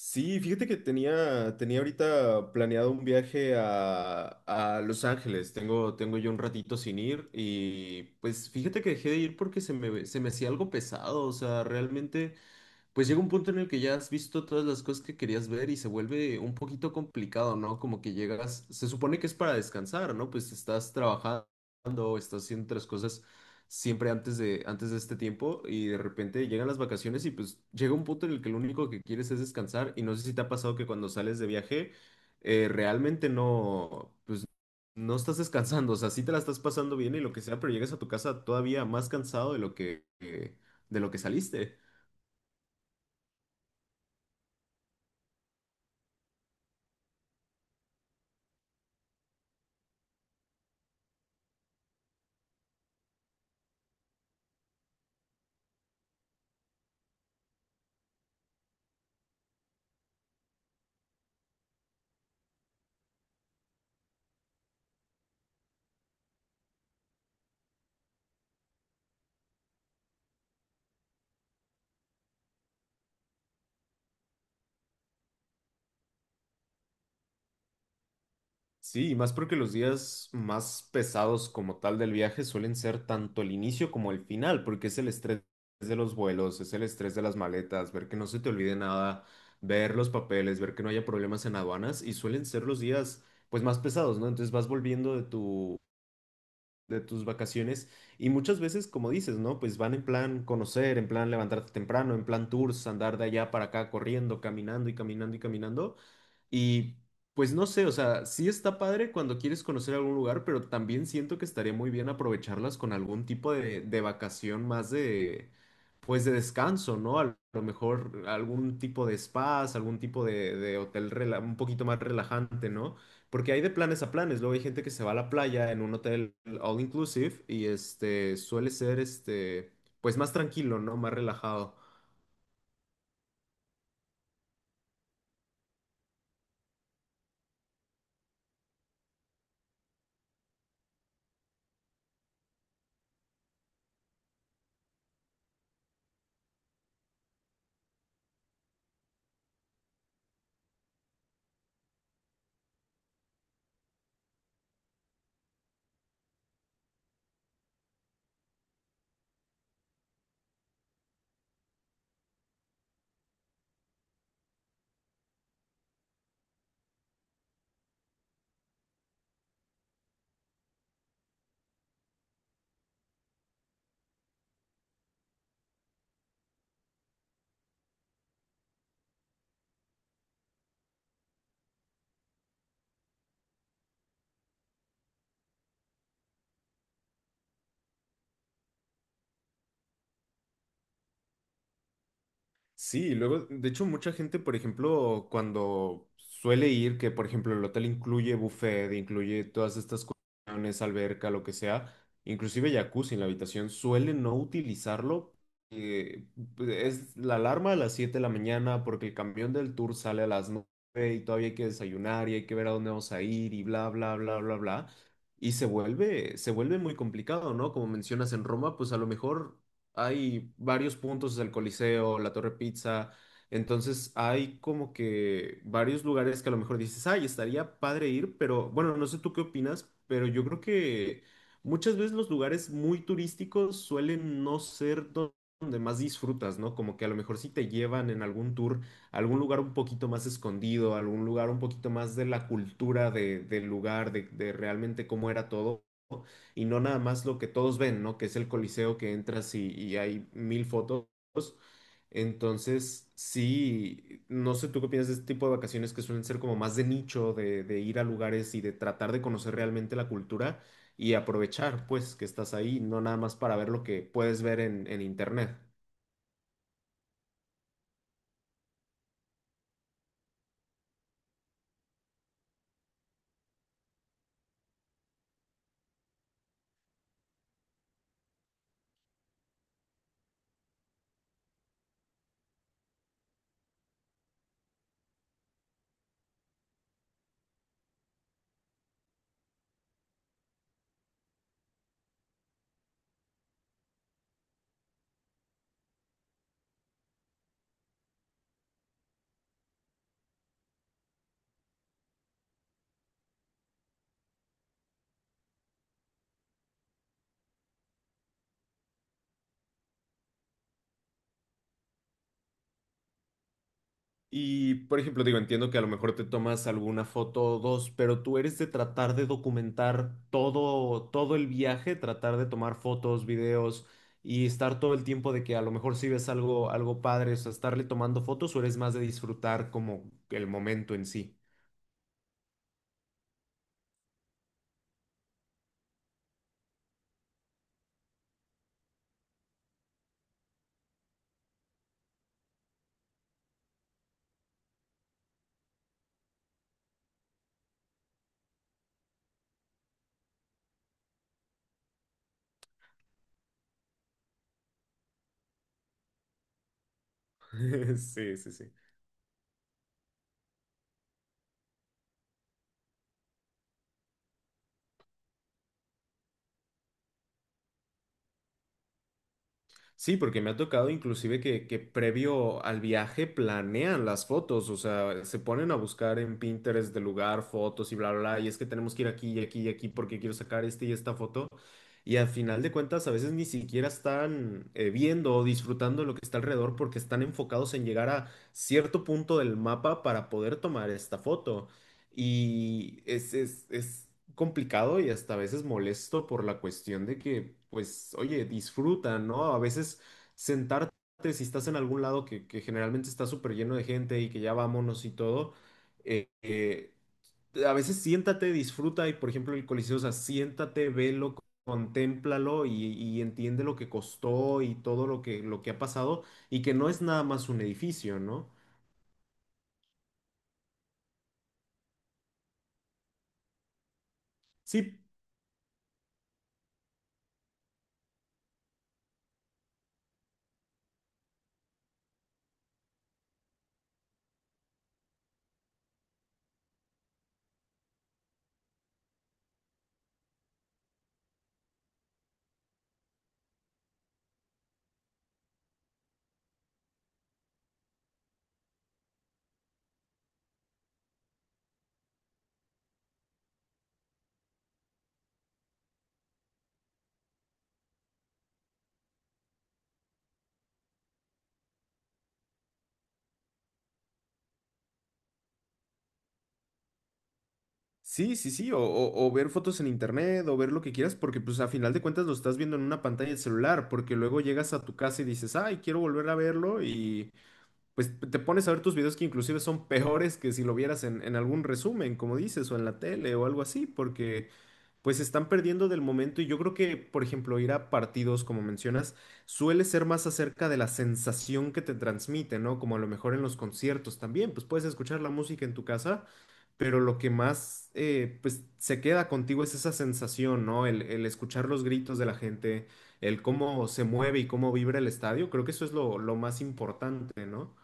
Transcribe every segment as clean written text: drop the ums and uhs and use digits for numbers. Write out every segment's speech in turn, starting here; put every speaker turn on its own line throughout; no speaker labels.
Sí, fíjate que tenía ahorita planeado un viaje a Los Ángeles. Tengo yo un ratito sin ir y pues fíjate que dejé de ir porque se me hacía algo pesado. O sea, realmente, pues llega un punto en el que ya has visto todas las cosas que querías ver y se vuelve un poquito complicado, ¿no? Como que llegas, se supone que es para descansar, ¿no? Pues estás trabajando, estás haciendo otras cosas siempre antes de este tiempo y de repente llegan las vacaciones y pues llega un punto en el que lo único que quieres es descansar y no sé si te ha pasado que cuando sales de viaje realmente no, pues no estás descansando, o sea, sí te la estás pasando bien y lo que sea, pero llegas a tu casa todavía más cansado de lo de lo que saliste. Sí, y más porque los días más pesados como tal del viaje suelen ser tanto el inicio como el final, porque es el estrés de los vuelos, es el estrés de las maletas, ver que no se te olvide nada, ver los papeles, ver que no haya problemas en aduanas y suelen ser los días pues más pesados, ¿no? Entonces vas volviendo de tus vacaciones y muchas veces, como dices, ¿no? Pues van en plan conocer, en plan levantarte temprano, en plan tours, andar de allá para acá corriendo, caminando y caminando y caminando. Y pues no sé, o sea, sí está padre cuando quieres conocer algún lugar, pero también siento que estaría muy bien aprovecharlas con algún tipo de vacación más de, pues de descanso, ¿no? A lo mejor algún tipo de spas, algún tipo de hotel un poquito más relajante, ¿no? Porque hay de planes a planes, luego hay gente que se va a la playa en un hotel all inclusive y este suele ser este, pues más tranquilo, ¿no? Más relajado. Sí, luego, de hecho, mucha gente, por ejemplo, cuando suele ir, que por ejemplo el hotel incluye buffet, incluye todas estas cuestiones, alberca, lo que sea, inclusive jacuzzi en la habitación, suele no utilizarlo. eh, es la alarma a las 7 de la mañana porque el camión del tour sale a las 9 y todavía hay que desayunar y hay que ver a dónde vamos a ir y bla, bla, bla, bla, bla. Y se vuelve muy complicado, ¿no? Como mencionas en Roma, pues a lo mejor hay varios puntos del Coliseo, la Torre Pizza. Entonces hay como que varios lugares que a lo mejor dices, ay, estaría padre ir, pero bueno, no sé tú qué opinas, pero yo creo que muchas veces los lugares muy turísticos suelen no ser donde más disfrutas, ¿no? Como que a lo mejor si te llevan en algún tour a algún lugar un poquito más escondido, a algún lugar un poquito más de la cultura del lugar, de realmente cómo era todo y no nada más lo que todos ven, ¿no? Que es el Coliseo que entras y hay mil fotos. Entonces, sí, no sé tú qué piensas de este tipo de vacaciones que suelen ser como más de nicho, de ir a lugares y de tratar de conocer realmente la cultura y aprovechar, pues, que estás ahí, no nada más para ver lo que puedes ver en internet. Y, por ejemplo, digo, entiendo que a lo mejor te tomas alguna foto o dos, pero tú eres de tratar de documentar todo el viaje, tratar de tomar fotos, videos y estar todo el tiempo de que a lo mejor si ves algo, algo padre, o sea, estarle tomando fotos o eres más de disfrutar como el momento en sí. Sí, sí, sí. Sí, porque me ha tocado inclusive que previo al viaje planean las fotos, o sea, se ponen a buscar en Pinterest del lugar fotos y bla, bla, bla, y es que tenemos que ir aquí y aquí y aquí porque quiero sacar este y esta foto. Y al final de cuentas, a veces ni siquiera están viendo o disfrutando lo que está alrededor porque están enfocados en llegar a cierto punto del mapa para poder tomar esta foto. Y es complicado y hasta a veces molesto por la cuestión de que, pues, oye, disfruta, ¿no? A veces sentarte, si estás en algún lado que generalmente está súper lleno de gente y que ya vámonos y todo, eh, eh, a veces siéntate, disfruta y, por ejemplo, el Coliseo, o sea, siéntate, velo, contémplalo y entiende lo que costó y todo lo lo que ha pasado y que no es nada más un edificio, ¿no? Sí, sí, sí, sí, o ver fotos en internet, o ver lo que quieras, porque pues a final de cuentas lo estás viendo en una pantalla del celular, porque luego llegas a tu casa y dices, ay, quiero volver a verlo, y pues te pones a ver tus videos que inclusive son peores que si lo vieras en algún resumen, como dices, o en la tele o algo así, porque pues se están perdiendo del momento y yo creo que, por ejemplo, ir a partidos, como mencionas, suele ser más acerca de la sensación que te transmite, ¿no? Como a lo mejor en los conciertos también, pues puedes escuchar la música en tu casa pero lo que más pues, se queda contigo es esa sensación, ¿no? El escuchar los gritos de la gente, el cómo se mueve y cómo vibra el estadio, creo que eso es lo más importante, ¿no?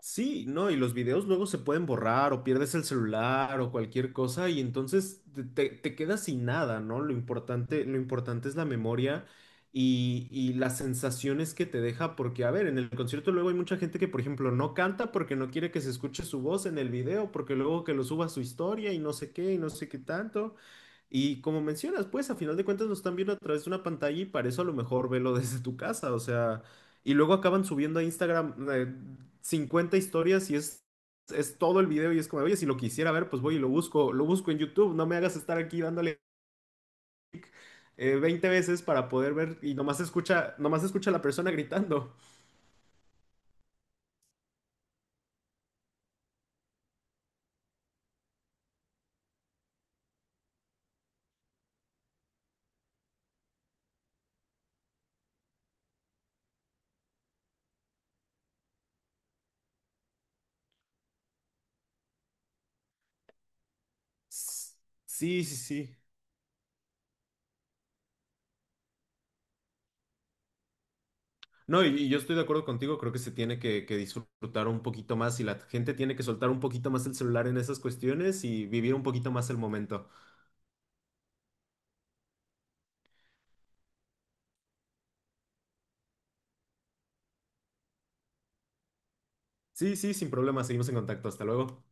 Sí, no, y los videos luego se pueden borrar o pierdes el celular o cualquier cosa y entonces te quedas sin nada, ¿no? Lo importante es la memoria y las sensaciones que te deja, porque a ver, en el concierto luego hay mucha gente que, por ejemplo, no canta porque no quiere que se escuche su voz en el video, porque luego que lo suba a su historia y no sé qué y no sé qué tanto. Y como mencionas, pues a final de cuentas nos están viendo a través de una pantalla y para eso a lo mejor velo desde tu casa, o sea, y luego acaban subiendo a Instagram 50 historias y es todo el video y es como, oye, si lo quisiera ver, pues voy y lo busco en YouTube, no me hagas estar aquí dándole 20 veces para poder ver y nomás escucha a la persona gritando. S- Sí, sí, sí. No, y yo estoy de acuerdo contigo, creo que se tiene que disfrutar un poquito más y la gente tiene que soltar un poquito más el celular en esas cuestiones y vivir un poquito más el momento. Sí, sí, sin problema, seguimos en contacto, hasta luego.